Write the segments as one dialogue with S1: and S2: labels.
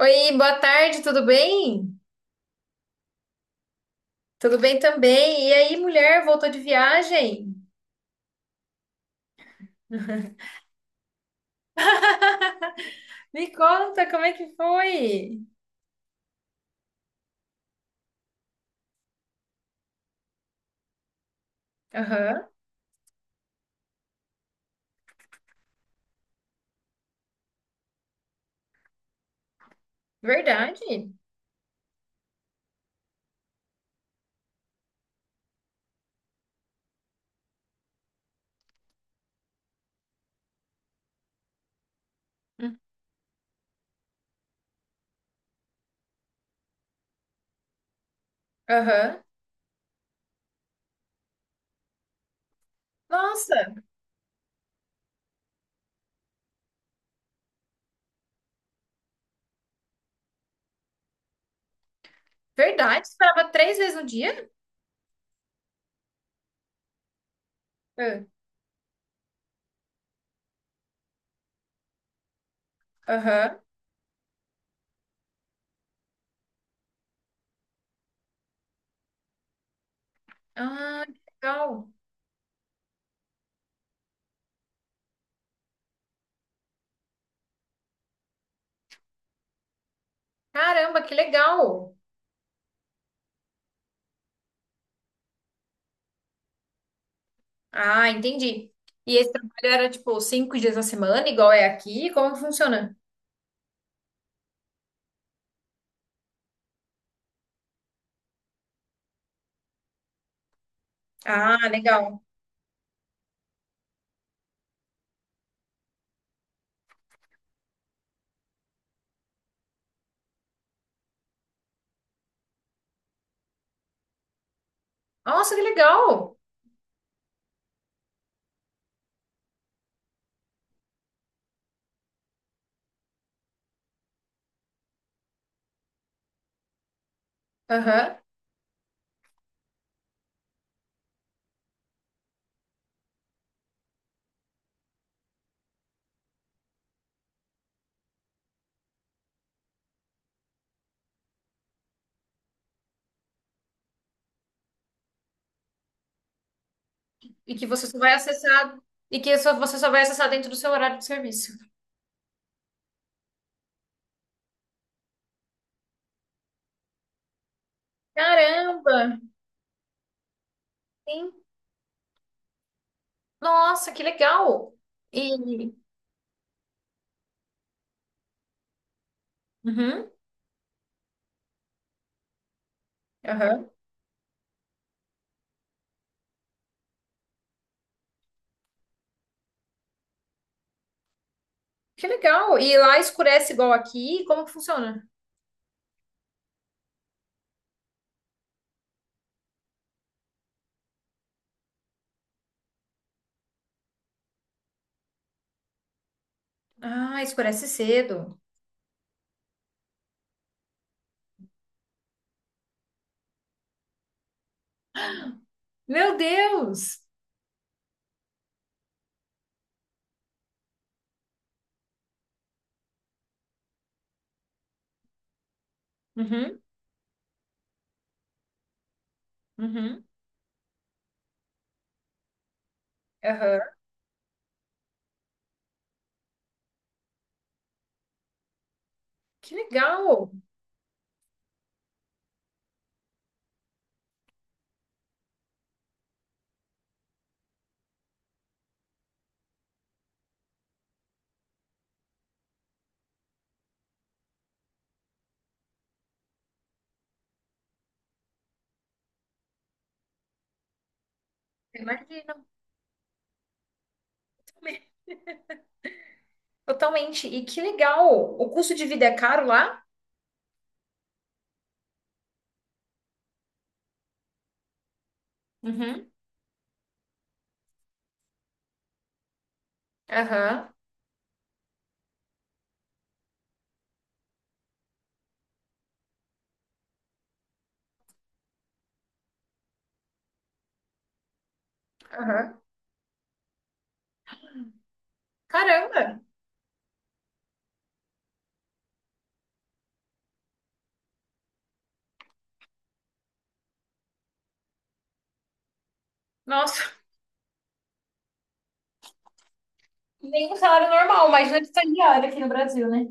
S1: Oi, boa tarde, tudo bem? Tudo bem também. E aí, mulher, voltou de viagem? Me conta, como é que foi? Aham, verdade. Hum. Aham. Nossa, verdade? Você parava três vezes no dia? Ah, aham. Ah, que legal. Caramba, que legal. Ah, entendi. E esse trabalho era tipo cinco dias na semana, igual é aqui? Como que funciona? Ah, legal. Nossa, que legal. Aham. E que você só vai acessar, você só vai acessar dentro do seu horário de serviço. Caramba! Sim. Nossa, que legal! E. Uhum, aham. Que legal! E lá escurece igual aqui? Como que funciona? Ah, escurece cedo. Meu Deus! Uhum, uhum, aham. Que legal! Imagina. Totalmente. E que legal! O custo de vida é caro lá? Uhum, aham, aham. Caramba! Nossa! Nem um salário normal, mas não é estagiário aqui no Brasil, né?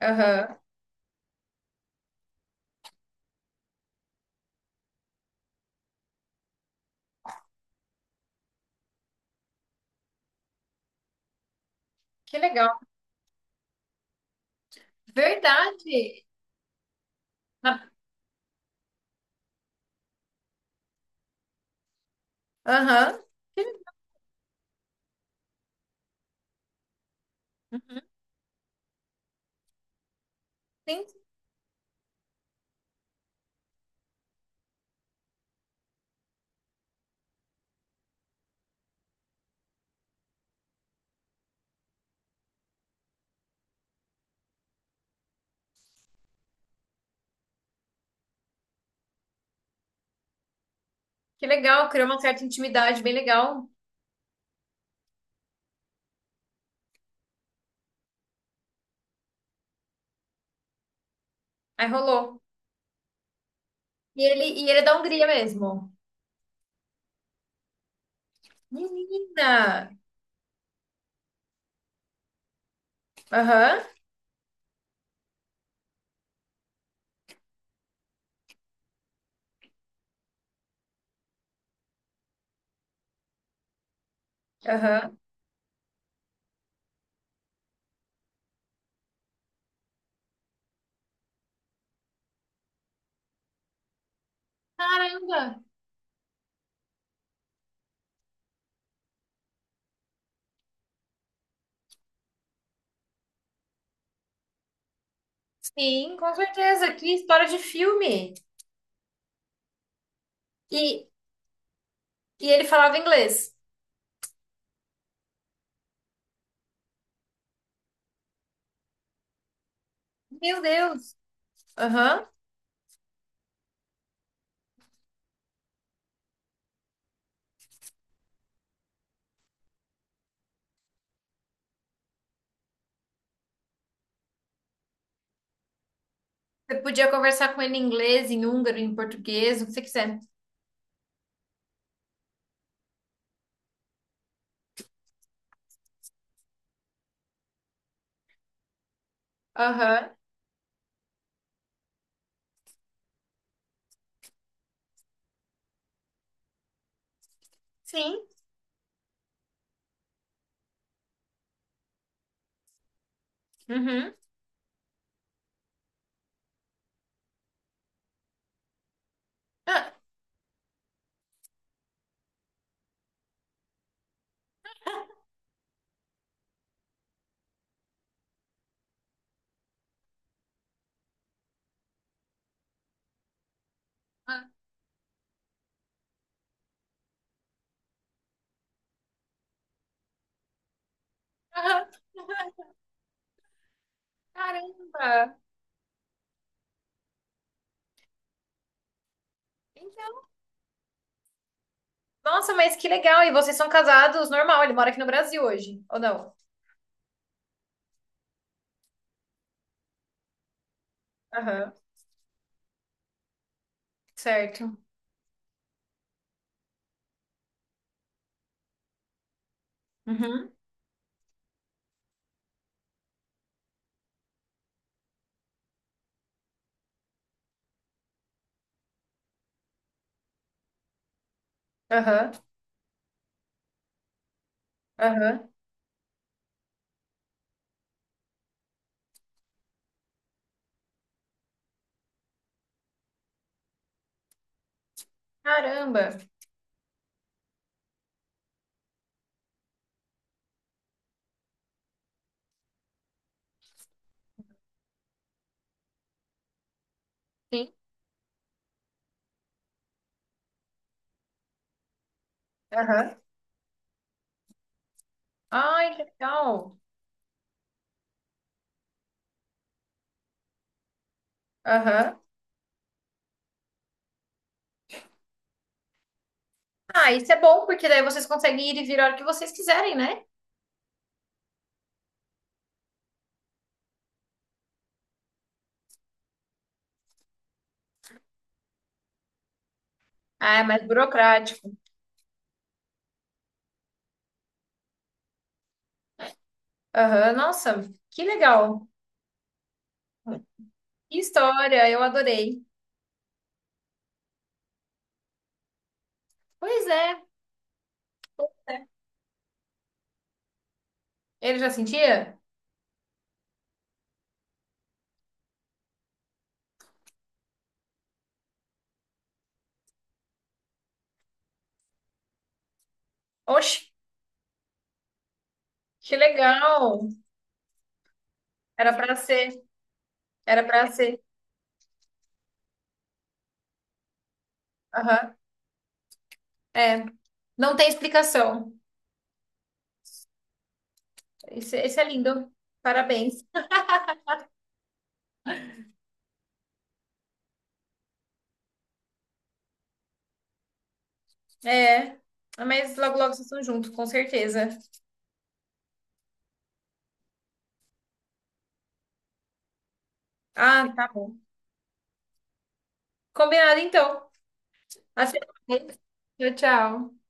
S1: Aham, que legal. Verdade. Na- aham, que, sim, que legal. Criou uma certa intimidade, bem legal. Aí rolou. E ele é da Hungria mesmo. Menina! Aham, aham. Caramba! Sim, com certeza. Que história de filme. E, e ele falava inglês. Meu Deus! Aham. Você podia conversar com ele em inglês, em húngaro, em português, o que você quiser. Aham. Sim. Uhum. Caramba! Então, nossa, mas que legal! E vocês são casados normal? Ele mora aqui no Brasil hoje, ou não? Aham, certo. Uhum. Aham, aham. Caramba! Sim. Aham. Ai, que legal! Aham. Ah, isso é bom, porque daí vocês conseguem ir e vir a hora que vocês quiserem, né? Ah, é mais burocrático. Aham, nossa, que legal! Que história, eu adorei. Pois é, ele já sentia? Oxe, que legal! Era pra ser. Era pra ser. Aham. É. Não tem explicação. Esse é lindo. Parabéns. É. Mas logo, logo vocês estão juntos, com certeza. Ah, tá bom. Combinado, então. Até mais. Tchau, tchau.